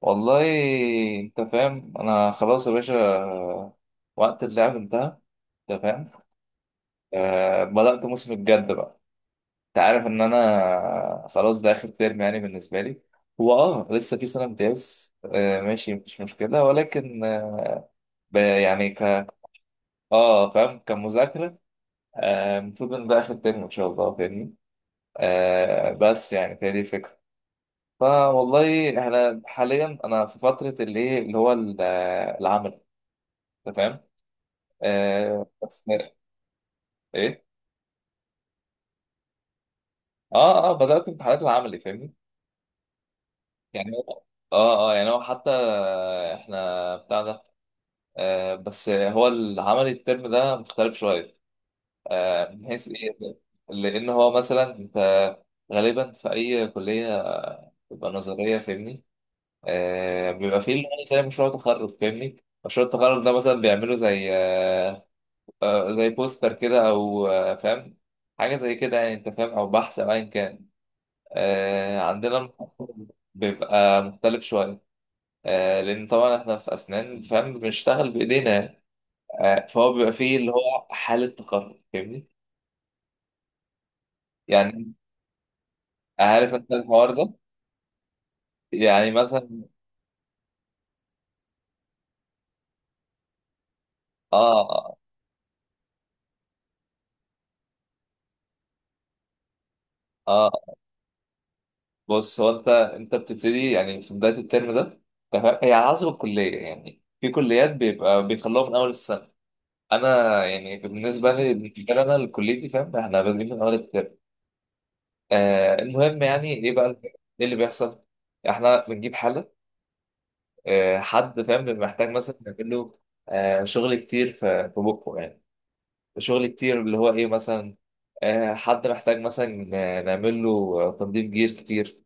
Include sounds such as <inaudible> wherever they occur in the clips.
والله، انت فاهم، انا خلاص يا باشا. وقت اللعب انتهى. انت فاهم؟ بدأت موسم الجد بقى. انت عارف ان انا خلاص، ده اخر ترم يعني بالنسبة لي. هو لسه في سنة امتياز. ماشي، مش مشكلة، ولكن ب- يعني ك اه فاهم، كمذاكرة. المفروض ان ده اخر ترم ان شاء الله، فاهمني؟ بس يعني فهي دي الفكرة. فوالله احنا حاليا انا في فترة اللي إيه، اللي هو ال- العمل، انت فاهم. آه بس مر- ايه، اه بدأت امتحانات العملي، فاهمني؟ يعني هو، اه يعني هو حتى احنا بتاع ده، بس هو العملي الترم ده مختلف شوية. آه، من حيث ايه؟ لان هو مثلا انت غالبا في اي كلية بتبقى نظرية، فاهمني؟ آه، بيبقى فيه اللي هو زي مشروع تخرج، فاهمني؟ مشروع التخرج ده مثلا بيعملوا زي آه زي بوستر كده، او فاهم، حاجة زي كده يعني، انت فاهم، او بحث، او ايا كان. آه، عندنا الموضوع بيبقى مختلف شوية. آه، لأن طبعا إحنا في أسنان، فاهم، بنشتغل بإيدينا. آه، فهو بيبقى فيه اللي هو حالة تقرب، فاهمني؟ يعني، عارف أنت الحوار ده. يعني مثلا، آه آه آه، بص، هو أنت بتبتدي يعني في بداية الترم ده. تمام، هي على حسب الكلية، يعني في كليات بيبقى بيخلوها من أول السنة. أنا يعني بالنسبة لي أنا الكلية دي، فاهم، إحنا بادئين من أول الترم. آه، المهم يعني ايه بقى؟ ايه اللي بيحصل؟ احنا بنجيب حالة. آه، حد، فاهم، بيبقى محتاج مثلا نعمل له آه، شغل كتير في بقه يعني. شغل كتير، اللي هو ايه مثلا؟ آه، حد محتاج مثلا آه، نعمل له آه، تنظيف جير كتير،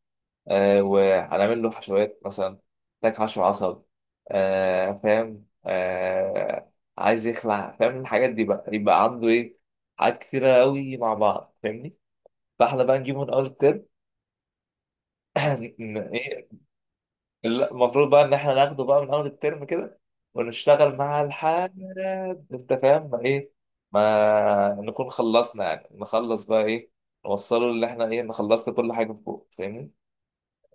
آه، وهنعمل له حشوات مثلا، محتاج حشو عصب، فاهم. عايز يخلع، فاهم، الحاجات دي بقى يبقى عنده ايه؟ حاجات كتيرة قوي مع بعض، فاهمني؟ فاحنا بقى نجيبه من اول الترم. <clears throat> ايه، المفروض بقى ان احنا ناخده بقى من اول الترم كده، ونشتغل مع الحاجة، انت فاهم؟ ما ايه، ما نكون خلصنا، يعني نخلص بقى ايه، نوصله اللي احنا ايه، إن خلصت كل حاجة فوق، فاهمني؟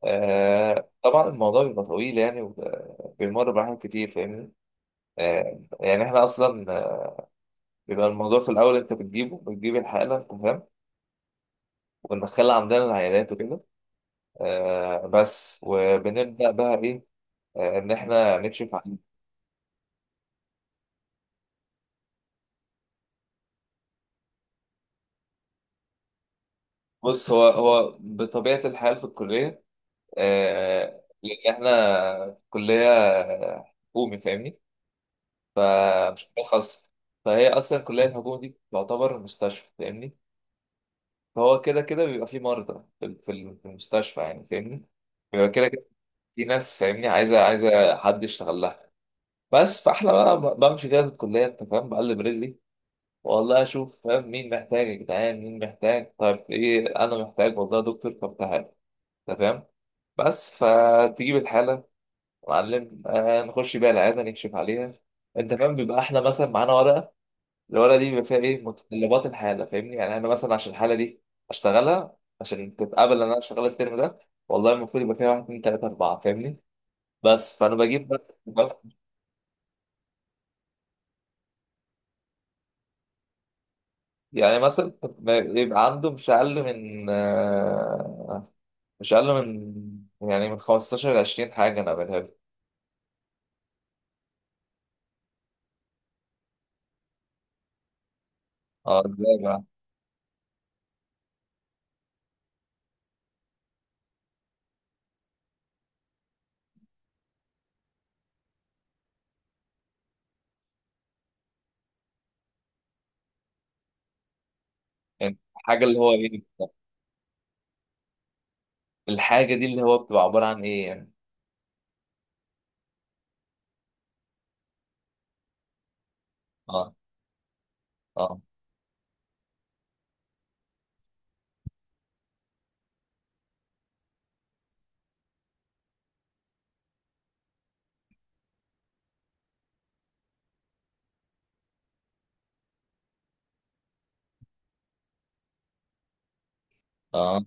آه، طبعا الموضوع بيبقى طويل يعني، وبيمر بحاجات كتير، فاهمني؟ آه، يعني احنا اصلا آه، بيبقى الموضوع في الاول، انت بتجيبه، بتجيب الحالة، انت فاهم؟ وندخلها عندنا العيادات وكده. آه، بس وبنبدأ بقى ايه؟ آه، ان احنا نكشف. بص، هو بطبيعة الحال في الكلية، آه، لأن إحنا كلية حكومي، فاهمني؟ فمش كلية خاصة. فهي أصلا الكلية الحكومي دي تعتبر مستشفى، فاهمني؟ فهو كده كده بيبقى فيه مرضى في المستشفى يعني، فاهمني؟ بيبقى كده كده في ناس، فاهمني، عايزة حد يشتغل لها. بس فإحنا بقى بمشي كده في الكلية، أنت فاهم، بقلب رجلي، والله أشوف، فاهم، مين محتاج؟ يا جدعان، مين محتاج؟ طيب إيه، أنا محتاج والله يا دكتور، طب تعالى، انت فاهم. بس فتجيب الحاله، معلم، آه، نخش بيها العياده، نكشف عليها، انت فاهم. بيبقى احنا مثلا معانا ورقه، الورقه دي بيبقى فيها ايه؟ متطلبات الحاله، فاهمني؟ يعني انا مثلا عشان الحاله دي اشتغلها، عشان تتقبل ان انا اشتغل الترم ده، والله المفروض يبقى فيها واحد اتنين تلاته اربعه، فاهمني؟ بس فانا بجيب بقى- يعني مثلا ما يبقى عنده مش اقل من مش اقل من يعني من 15 ل 20 حاجه انا بعملها له. اه، ازاي بقى؟ يعني، حاجه اللي هو ايه؟ الحاجة دي اللي هو بتبقى عبارة عن ايه يعني؟ اه اه اه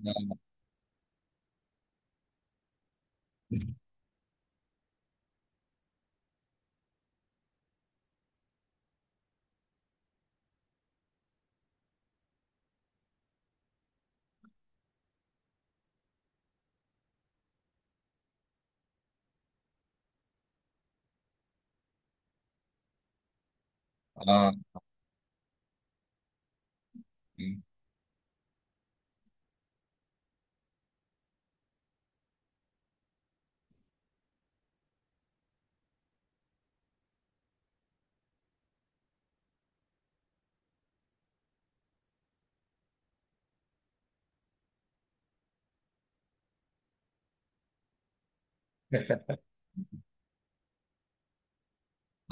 اه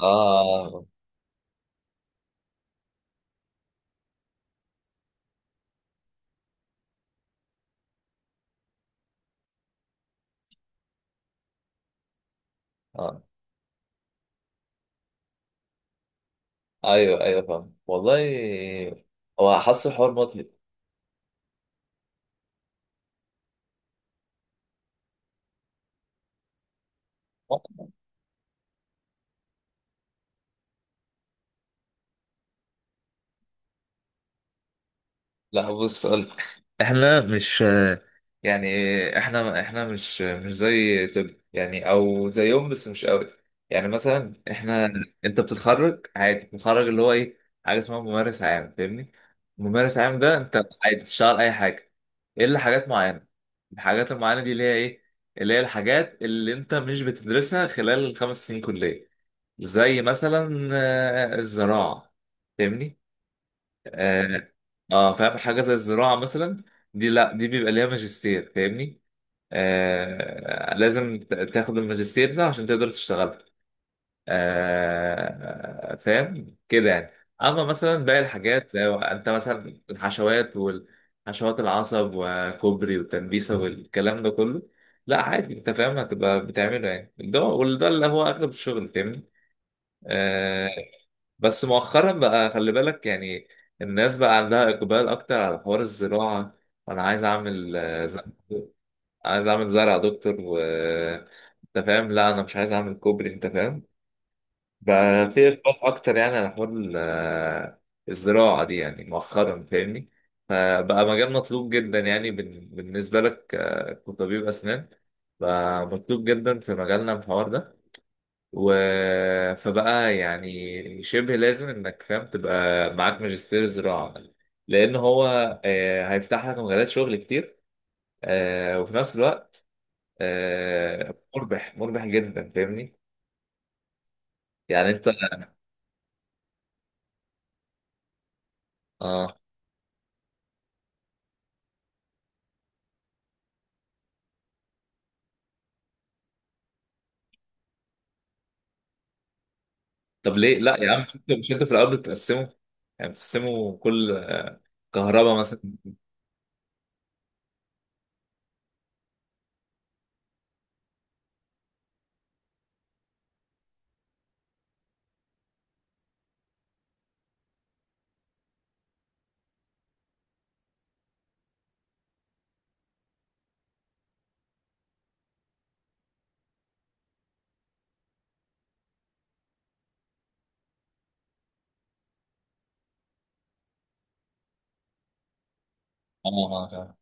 اه اه آه. ايوه ايوه، فاهم والله. هو حاسس الحوار مطلب. لا بص أقولك، احنا مش يعني احنا مش زي طب يعني، او زيهم بس مش قوي. يعني مثلا احنا، بتتخرج عادي، بتتخرج اللي هو ايه، حاجه اسمها ممارس عام، فاهمني؟ ممارس عام ده انت عادي بتشتغل اي حاجه، الا حاجات معينه. الحاجات المعينه دي اللي هي ايه؟ اللي هي الحاجات اللي انت مش بتدرسها خلال الخمس سنين كليه. زي مثلا آه، الزراعه، فاهمني. اه، آه، فاهم، حاجه زي الزراعه مثلا، دي لا دي بيبقى ليها ماجستير، فاهمني؟ آه، لازم تاخد الماجستير ده عشان تقدر تشتغل، آه، فاهم كده يعني. اما مثلا باقي الحاجات، لو انت مثلا الحشوات والحشوات العصب وكوبري والتنبيسه والكلام ده كله، لا عادي، انت فاهم، هتبقى بتعمله يعني. ده وده اللي هو اغلب الشغل، فاهمني. آه، بس مؤخرا بقى خلي بالك، يعني الناس بقى عندها إقبال أكتر على حوار الزراعة. أنا عايز أعمل عايز أعمل زرع يا دكتور، أنت فاهم، لا أنا مش عايز أعمل كوبري، أنت فاهم. بقى في إقبال أكتر يعني على حوار الزراعة دي يعني مؤخرا، فاهمني. فبقى مجال مطلوب جدا يعني بالنسبة لك آه، كطبيب أسنان. بقى مطلوب جدا في مجالنا الحوار ده. و... فبقى يعني شبه لازم انك، فاهم، تبقى معاك ماجستير زراعة، لان هو آه، هيفتح لك مجالات شغل كتير. آه، وفي نفس الوقت آه، مربح جدا، فاهمني؟ يعني انت. اه، طب ليه لا يا عم؟ مش انت في الاول بتقسمه؟ يعني بتقسمه كل، كهرباء مثلا. اه اه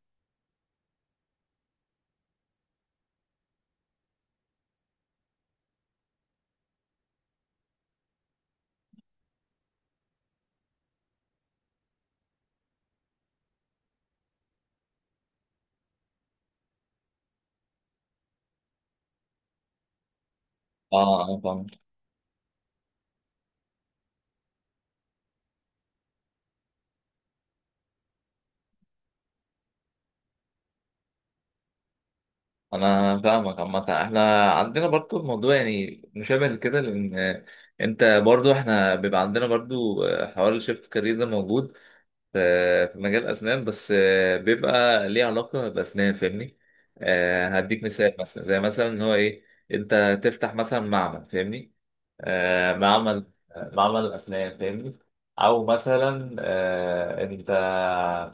فاهم. انا فاهمك. عامه احنا عندنا برضو الموضوع يعني مشابه كده، لان انت برضو، احنا بيبقى عندنا برضو حوار الشيفت كارير ده موجود. ف- في مجال أسنان، بس آه، بيبقى ليه علاقة بأسنان، فاهمني. آه، هديك مثال، مثلا زي مثلا إن هو إيه، أنت تفتح مثلا معمل، فاهمني، آه، معمل أسنان، فاهمني. أو مثلا آه، أنت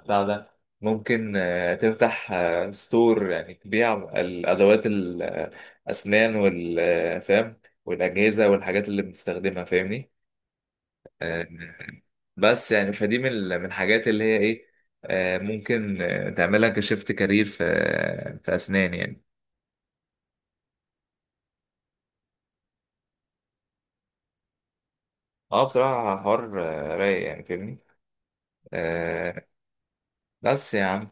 بتاع ده، ممكن آه، تفتح آه، ستور، يعني تبيع الأدوات الأسنان والفهم والأجهزة والحاجات اللي بنستخدمها، فاهمني. آه، بس يعني فدي من من الحاجات اللي هي ايه، آه، ممكن آه، تعملها كشيفت كارير في اسنان يعني. اه، بصراحة حوار آه، رايق يعني، فاهمني. آه، بس يا عم،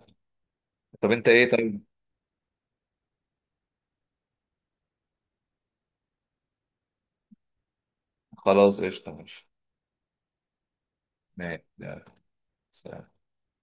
طب انت ايه طيب؟ خلاص قشطة، ماشي. ماشي. يلا، سلام.